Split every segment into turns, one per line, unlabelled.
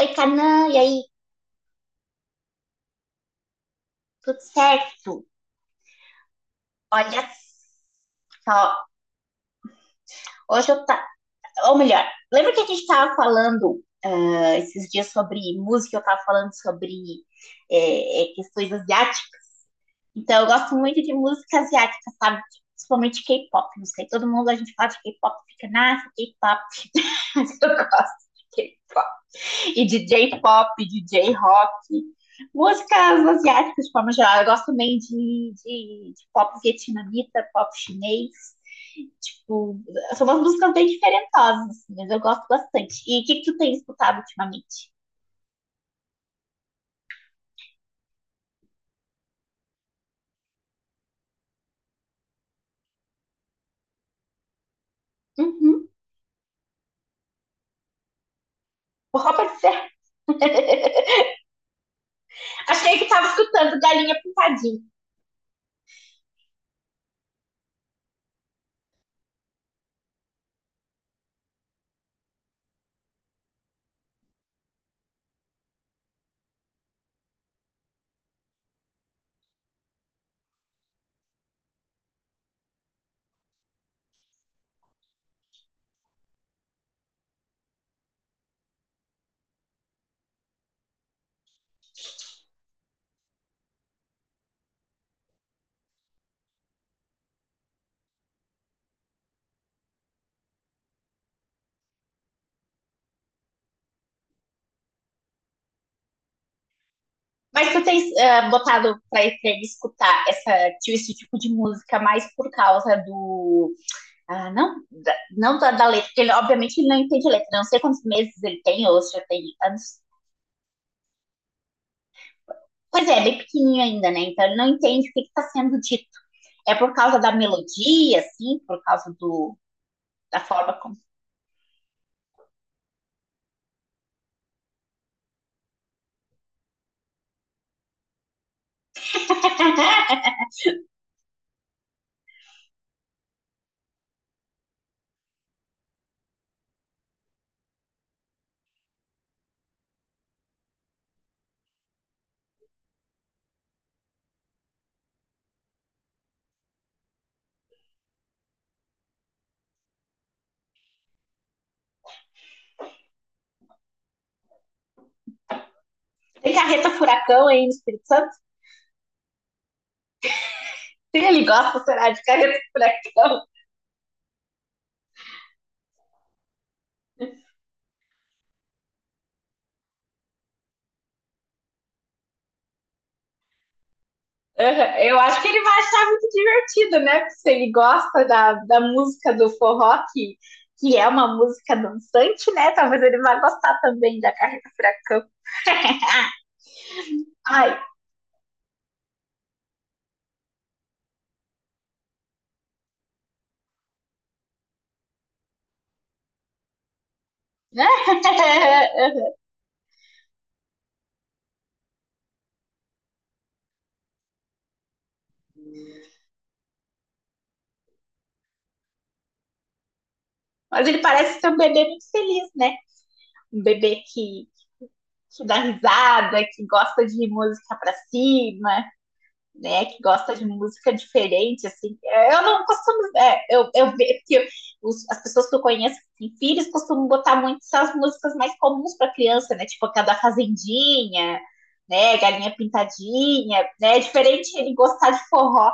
Oi, Canã, e aí? Tudo certo? Olha só, hoje eu tá, ou melhor, lembra que a gente tava falando esses dias sobre música, eu tava falando sobre questões asiáticas. Então, eu gosto muito de música asiática, sabe? Principalmente K-pop, não sei, todo mundo a gente fala de K-pop, fica, nossa, K-pop, mas eu gosto de K-pop. E D j pop, D j rock, músicas asiáticas de forma geral. Eu gosto também de pop vietnamita, pop chinês. Tipo, são umas músicas bem diferentosas, assim, mas eu gosto bastante. E o que tu tem escutado ultimamente? Uhum. O Robert Serra. Achei que tava escutando Galinha Pintadinha. Mas tu tens botado pra ele escutar essa, esse tipo de música mais por causa do. Ah, não, não da letra, porque ele obviamente ele não entende letra, não sei quantos meses ele tem, ou se já tem anos. Pois é, é bem pequenininho ainda, né? Então ele não entende o que está sendo dito. É por causa da melodia, assim, por causa do, da forma como. Tem carreta furacão aí no Espírito Santo? Sim, ele gosta, será, de carreta furacão. Aham. Eu acho que ele vai achar muito divertido, né? Porque se ele gosta da música do forró, que é uma música dançante, né? Talvez ele vá gostar também da carreta furacão. Ai. Mas ele parece ser um bebê muito feliz, né? Um bebê que dá risada, que gosta de música pra cima, né? Que gosta de música diferente, assim. Eu não costumo. Eu vejo que as pessoas que eu conheço que têm filhos costumam botar muito essas músicas mais comuns pra criança, né? Tipo aquela da Fazendinha, né? Galinha Pintadinha, né? É diferente ele gostar de forró.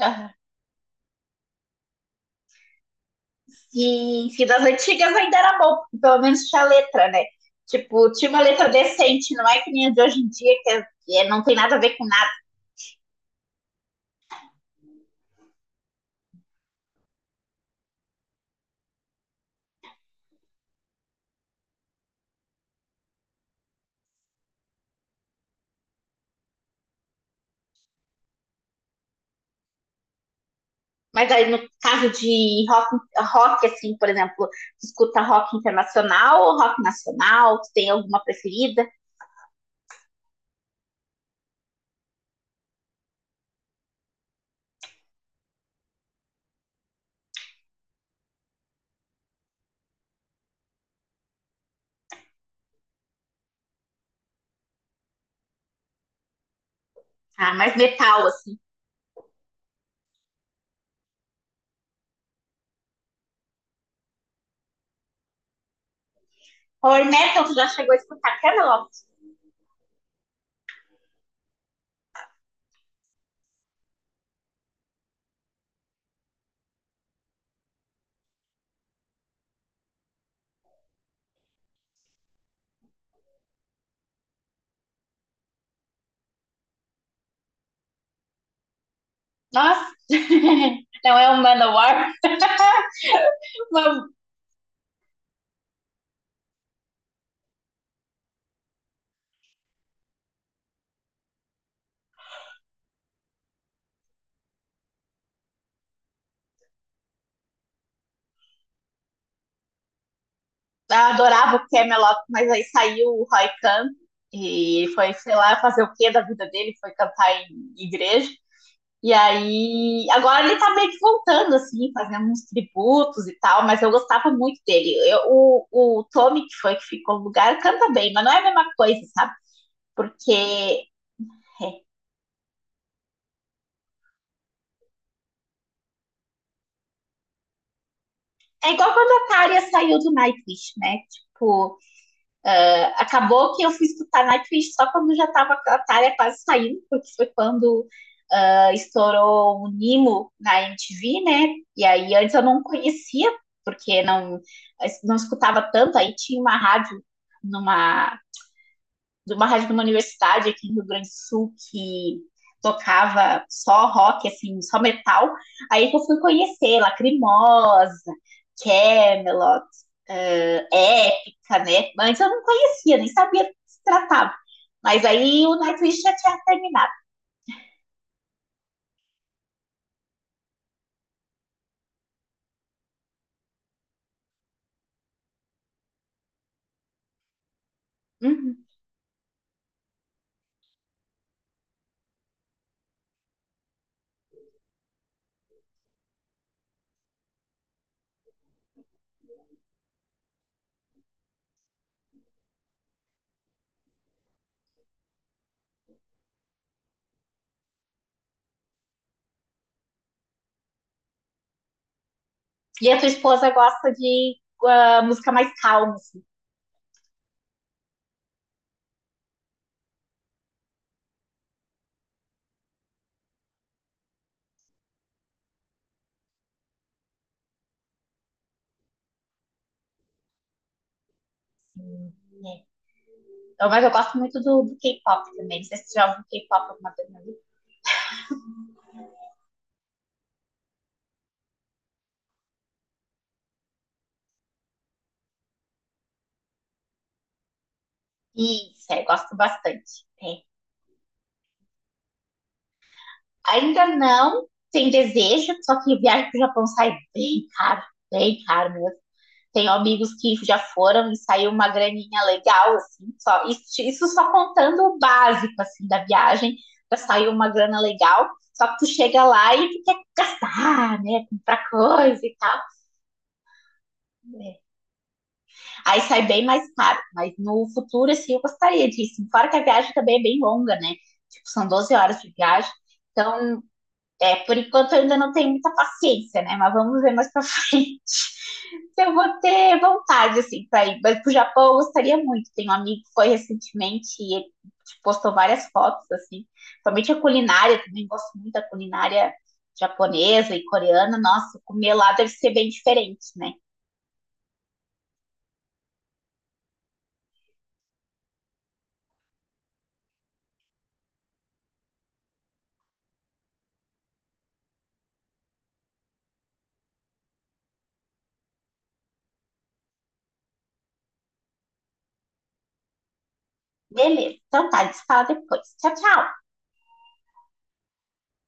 Aham. Sim, sim, das antigas ainda era bom, porque pelo menos tinha letra, né? Tipo, tinha uma letra decente, não é que nem a de hoje em dia, não tem nada a ver com nada. Mas aí no caso de rock, rock assim, por exemplo, tu escuta rock internacional ou rock nacional? Tu tem alguma preferida? Ah, mais metal, assim. Power metal, tu já chegou a escutar Camelot? Nossa! Não é um Manowar? Eu adorava o Camelot, mas aí saiu o Roy Khan e ele foi, sei lá, fazer o quê da vida dele, foi cantar em igreja. E aí, agora ele tá meio que voltando, assim, fazendo uns tributos e tal, mas eu gostava muito dele. Eu, o Tommy, que foi que ficou no lugar, canta bem, mas não é a mesma coisa, sabe? Porque é, É igual quando a Tária saiu do Nightwish, né? Tipo, acabou que eu fui escutar Nightwish só quando já estava a Thalia quase saindo, porque foi quando estourou o Nimo na MTV, né? E aí antes eu não conhecia, porque não, não escutava tanto, aí tinha uma rádio numa de uma rádio de uma universidade aqui no Rio Grande do Sul que tocava só rock, assim, só metal. Aí que eu fui conhecer Lacrimosa, Camelot, Épica, né? Antes eu não conhecia, nem sabia do que se tratava. Mas aí o Nightwish já tinha terminado. Uhum. E a tua esposa gosta de música mais calma, assim. Né? Então, mas eu gosto muito do K-pop também. Não sei se você já ouviu K-pop alguma vez na vida. Isso, é, gosto bastante. É. Ainda não tem desejo, só que viagem pro Japão sai bem caro mesmo. Tenho amigos que já foram e saiu uma graninha legal, assim, só, isso só contando o básico, assim, da viagem, já saiu uma grana legal, só que tu chega lá e tu quer gastar, né, comprar coisa e tal, né? Aí sai bem mais caro, mas no futuro, assim, eu gostaria disso, fora que a viagem também é bem longa, né, tipo, são 12 horas de viagem, então. É, por enquanto eu ainda não tenho muita paciência, né? Mas vamos ver mais pra frente se eu vou ter vontade, assim, pra ir. Mas pro Japão eu gostaria muito. Tem um amigo que foi recentemente e ele tipo, postou várias fotos, assim. Somente a culinária, também gosto muito da culinária japonesa e coreana. Nossa, comer lá deve ser bem diferente, né? Beleza, então tá, a gente fala depois. Tchau, tchau!